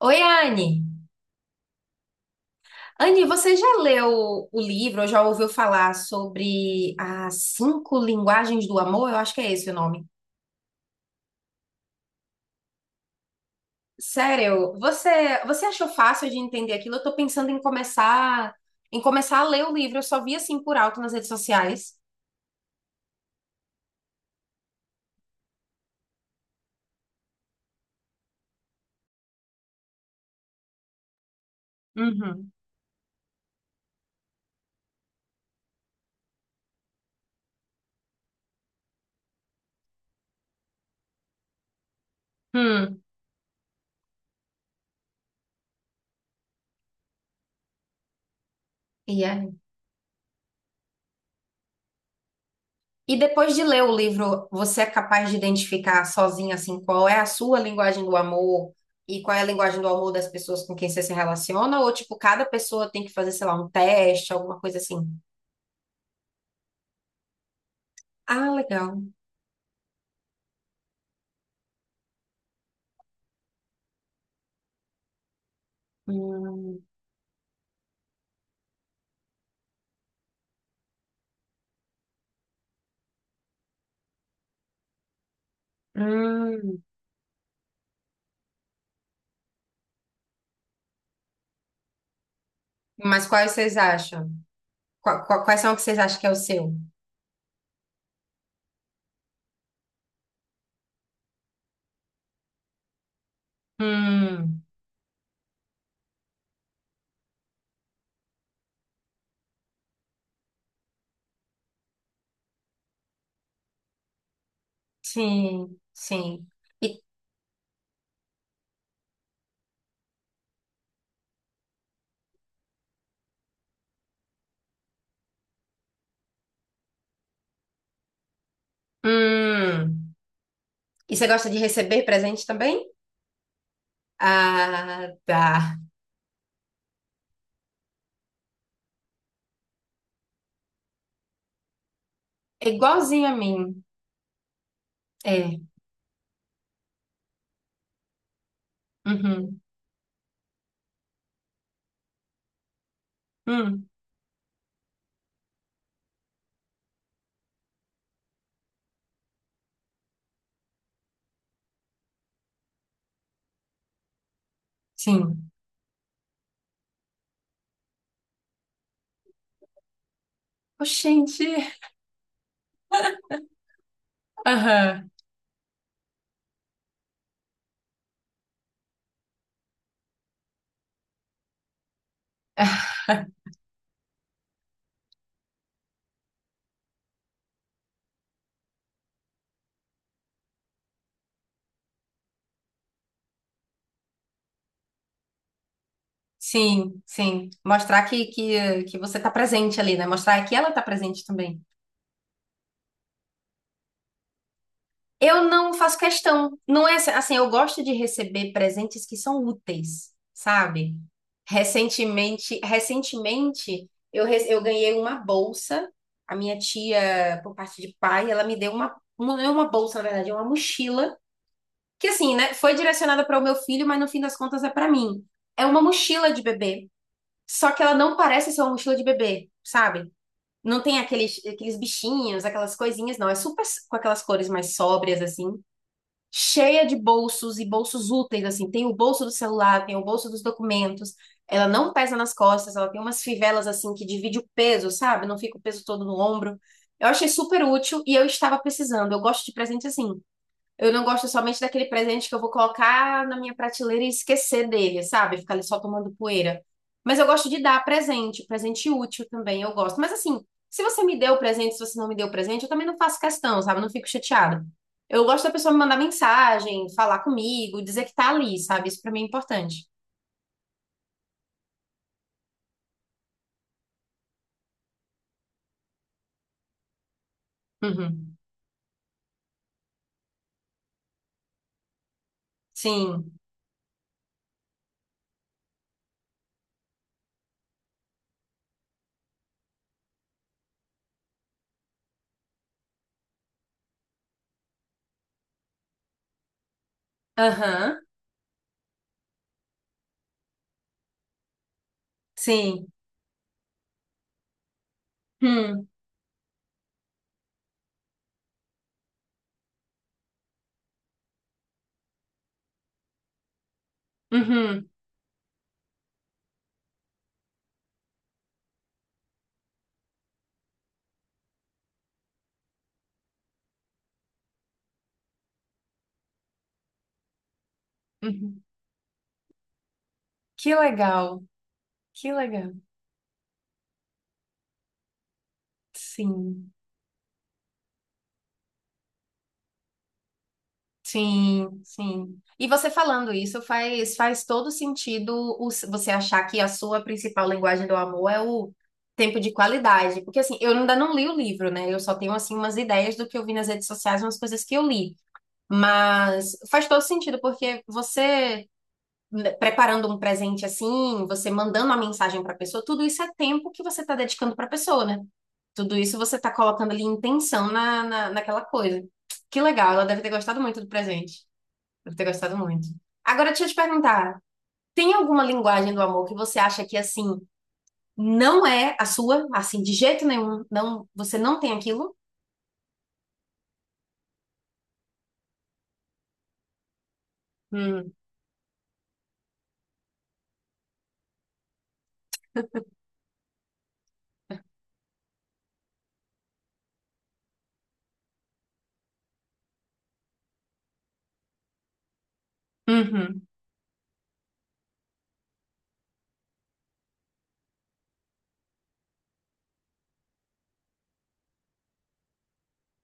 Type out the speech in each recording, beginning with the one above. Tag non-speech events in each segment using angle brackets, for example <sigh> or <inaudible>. Oi, Anne. Anne, você já leu o livro ou já ouviu falar sobre as cinco linguagens do amor? Eu acho que é esse o nome. Sério, você achou fácil de entender aquilo? Eu tô pensando em começar a ler o livro. Eu só vi assim por alto nas redes sociais. Uhum. Hum. E é? E depois de ler o livro, você é capaz de identificar sozinha assim qual é a sua linguagem do amor e qual é a linguagem do amor das pessoas com quem você se relaciona? Ou tipo, cada pessoa tem que fazer, sei lá, um teste, alguma coisa assim? Ah, legal. Hum, hum. Mas quais vocês acham? Quais são que vocês acham que é o seu? Hum, sim, sim. E, hum. E você gosta de receber presente também? Ah, tá. É igualzinho a mim. É. Uhum. Hum. Sim. Oxente. Aham. <laughs> Sim, sim. Mostrar que você tá presente ali, né? Mostrar que ela tá presente também. Eu não faço questão. Não é assim, eu gosto de receber presentes que são úteis, sabe? Recentemente, eu ganhei uma bolsa. A minha tia, por parte de pai, ela me deu uma, não é uma bolsa, na verdade, é uma mochila que assim, né, foi direcionada para o meu filho, mas no fim das contas é para mim. É uma mochila de bebê, só que ela não parece ser uma mochila de bebê, sabe? Não tem aqueles bichinhos, aquelas coisinhas, não. É super com aquelas cores mais sóbrias, assim. Cheia de bolsos e bolsos úteis, assim. Tem o bolso do celular, tem o bolso dos documentos. Ela não pesa nas costas, ela tem umas fivelas, assim, que divide o peso, sabe? Não fica o peso todo no ombro. Eu achei super útil e eu estava precisando. Eu gosto de presente assim. Eu não gosto somente daquele presente que eu vou colocar na minha prateleira e esquecer dele, sabe? Ficar ali só tomando poeira. Mas eu gosto de dar presente, presente útil também, eu gosto. Mas assim, se você me deu presente, se você não me deu presente, eu também não faço questão, sabe? Eu não fico chateada. Eu gosto da pessoa me mandar mensagem, falar comigo, dizer que tá ali, sabe? Isso pra mim é importante. Uhum. Sim. Aham. Sim. Hum. Uhum. Uhum. Que legal. Que legal. Sim. Sim, sim. E você falando isso faz todo sentido você achar que a sua principal linguagem do amor é o tempo de qualidade. Porque assim, eu ainda não li o livro, né? Eu só tenho assim umas ideias do que eu vi nas redes sociais, umas coisas que eu li. Mas faz todo sentido, porque você né, preparando um presente assim, você mandando uma mensagem para a pessoa, tudo isso é tempo que você está dedicando para a pessoa, né? Tudo isso você está colocando ali intenção naquela coisa. Que legal, ela deve ter gostado muito do presente. Deve ter gostado muito. Agora, deixa eu te perguntar, tem alguma linguagem do amor que você acha que, assim, não é a sua? Assim, de jeito nenhum, não, você não tem aquilo? Hum, uhum,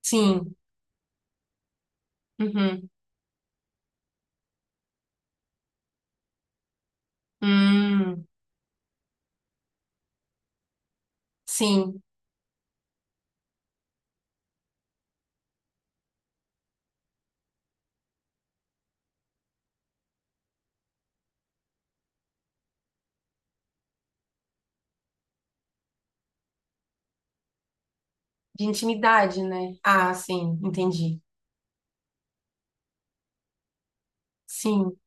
sim, uhum, hum, sim. De intimidade, né? Ah, sim, entendi. Sim,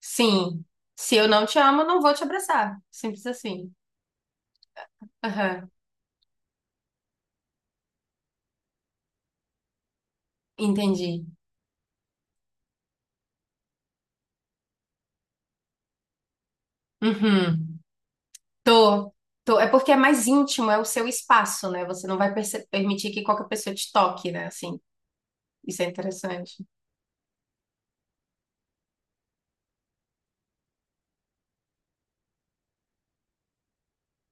sim. Se eu não te amo, eu não vou te abraçar. Simples assim. Aham, entendi. Uhum. Tô, tô. É porque é mais íntimo, é o seu espaço, né? Você não vai permitir que qualquer pessoa te toque, né? Assim, isso é interessante.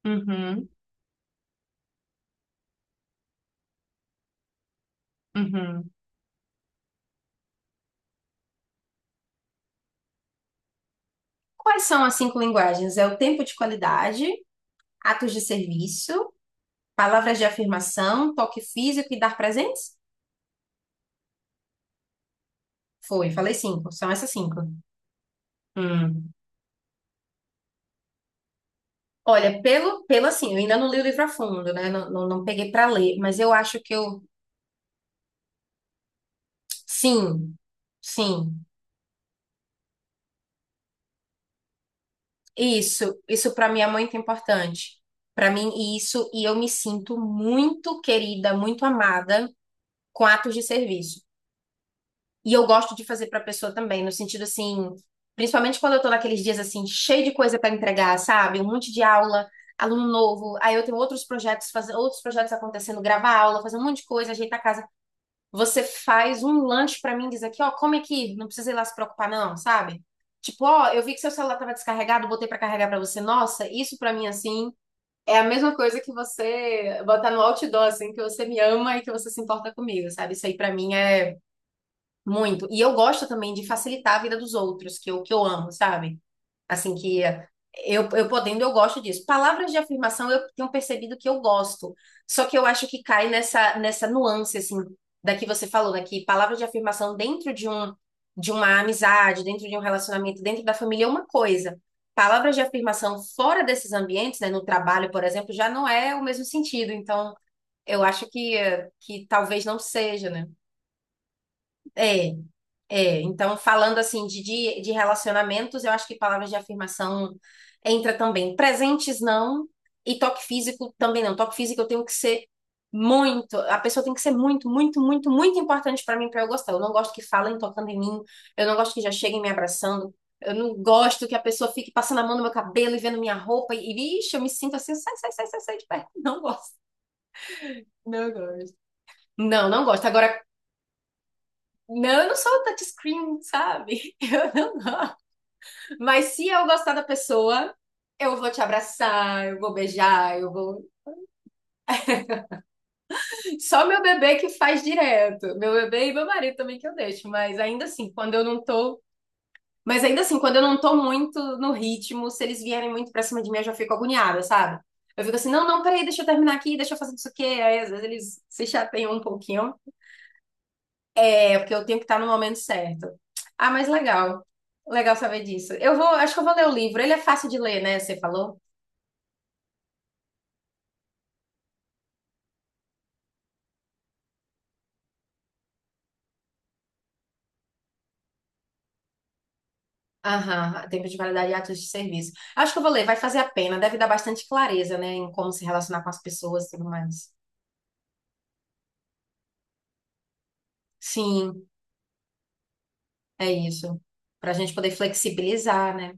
Uhum, uhum. Quais são as cinco linguagens? É o tempo de qualidade, atos de serviço, palavras de afirmação, toque físico e dar presentes? Foi, falei cinco. São essas cinco. Hum. Olha, pelo, assim, eu ainda não li o livro a fundo, né? Não, não, não peguei para ler, mas eu acho que eu. Sim, sim. Isso para mim é muito importante. Para mim, isso, e eu me sinto muito querida, muito amada com atos de serviço. E eu gosto de fazer para pessoa também, no sentido assim, principalmente quando eu tô naqueles dias assim, cheio de coisa para entregar, sabe? Um monte de aula, aluno novo, aí eu tenho outros projetos, fazer outros projetos acontecendo, gravar aula, fazer um monte de coisa, ajeitar a casa. Você faz um lanche pra mim, e diz aqui, ó, come aqui, não precisa ir lá se preocupar não, sabe? Tipo, ó, eu vi que seu celular tava descarregado, botei pra carregar pra você. Nossa, isso pra mim assim é a mesma coisa que você botar no outdoor assim, que você me ama e que você se importa comigo, sabe? Isso aí pra mim é muito. E eu gosto também de facilitar a vida dos outros, que eu amo, sabe? Assim que eu podendo, eu gosto disso. Palavras de afirmação eu tenho percebido que eu gosto. Só que eu acho que cai nessa nuance, assim, da que você falou, né? Que palavras de afirmação dentro de um, de uma amizade, dentro de um relacionamento, dentro da família é uma coisa. Palavras de afirmação fora desses ambientes, né? No trabalho, por exemplo, já não é o mesmo sentido. Então, eu acho que, que talvez não seja, né? É. É, então, falando assim de relacionamentos, eu acho que palavras de afirmação entra também. Presentes não, e toque físico também não. Toque físico eu tenho que ser muito, a pessoa tem que ser muito, muito, muito, muito importante para mim para eu gostar. Eu não gosto que falem tocando em mim, eu não gosto que já cheguem me abraçando, eu não gosto que a pessoa fique passando a mão no meu cabelo e vendo minha roupa ixi, eu me sinto assim, sai, sai, sai, sai, sai de perto. Não gosto, não gosto. Não, não gosto. Agora, não, eu não sou touchscreen, sabe? <laughs> Eu não gosto. Mas se eu gostar da pessoa, eu vou te abraçar, eu vou beijar, eu vou. Só meu bebê que faz direto. Meu bebê e meu marido também que eu deixo. Mas ainda assim, quando eu não tô. Mas ainda assim, quando eu não tô muito no ritmo, se eles vierem muito pra cima de mim, eu já fico agoniada, sabe? Eu fico assim, não, não, peraí, deixa eu terminar aqui, deixa eu fazer isso aqui. Aí às vezes eles se chateiam um pouquinho. É, porque eu tenho que estar no momento certo. Ah, mas legal. Legal saber disso. Eu vou, acho que eu vou ler o livro. Ele é fácil de ler, né? Você falou? Aham, tempo de validade e atos de serviço. Acho que eu vou ler, vai fazer a pena, deve dar bastante clareza, né, em como se relacionar com as pessoas e tudo mais. Sim, é isso. Para a gente poder flexibilizar, né?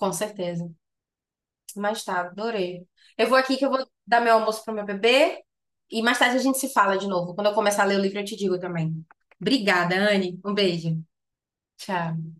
Com certeza. Mas tá, adorei. Eu vou aqui que eu vou dar meu almoço pro meu bebê e mais tarde a gente se fala de novo. Quando eu começar a ler o livro, eu te digo também. Obrigada, Anne. Um beijo. Tchau.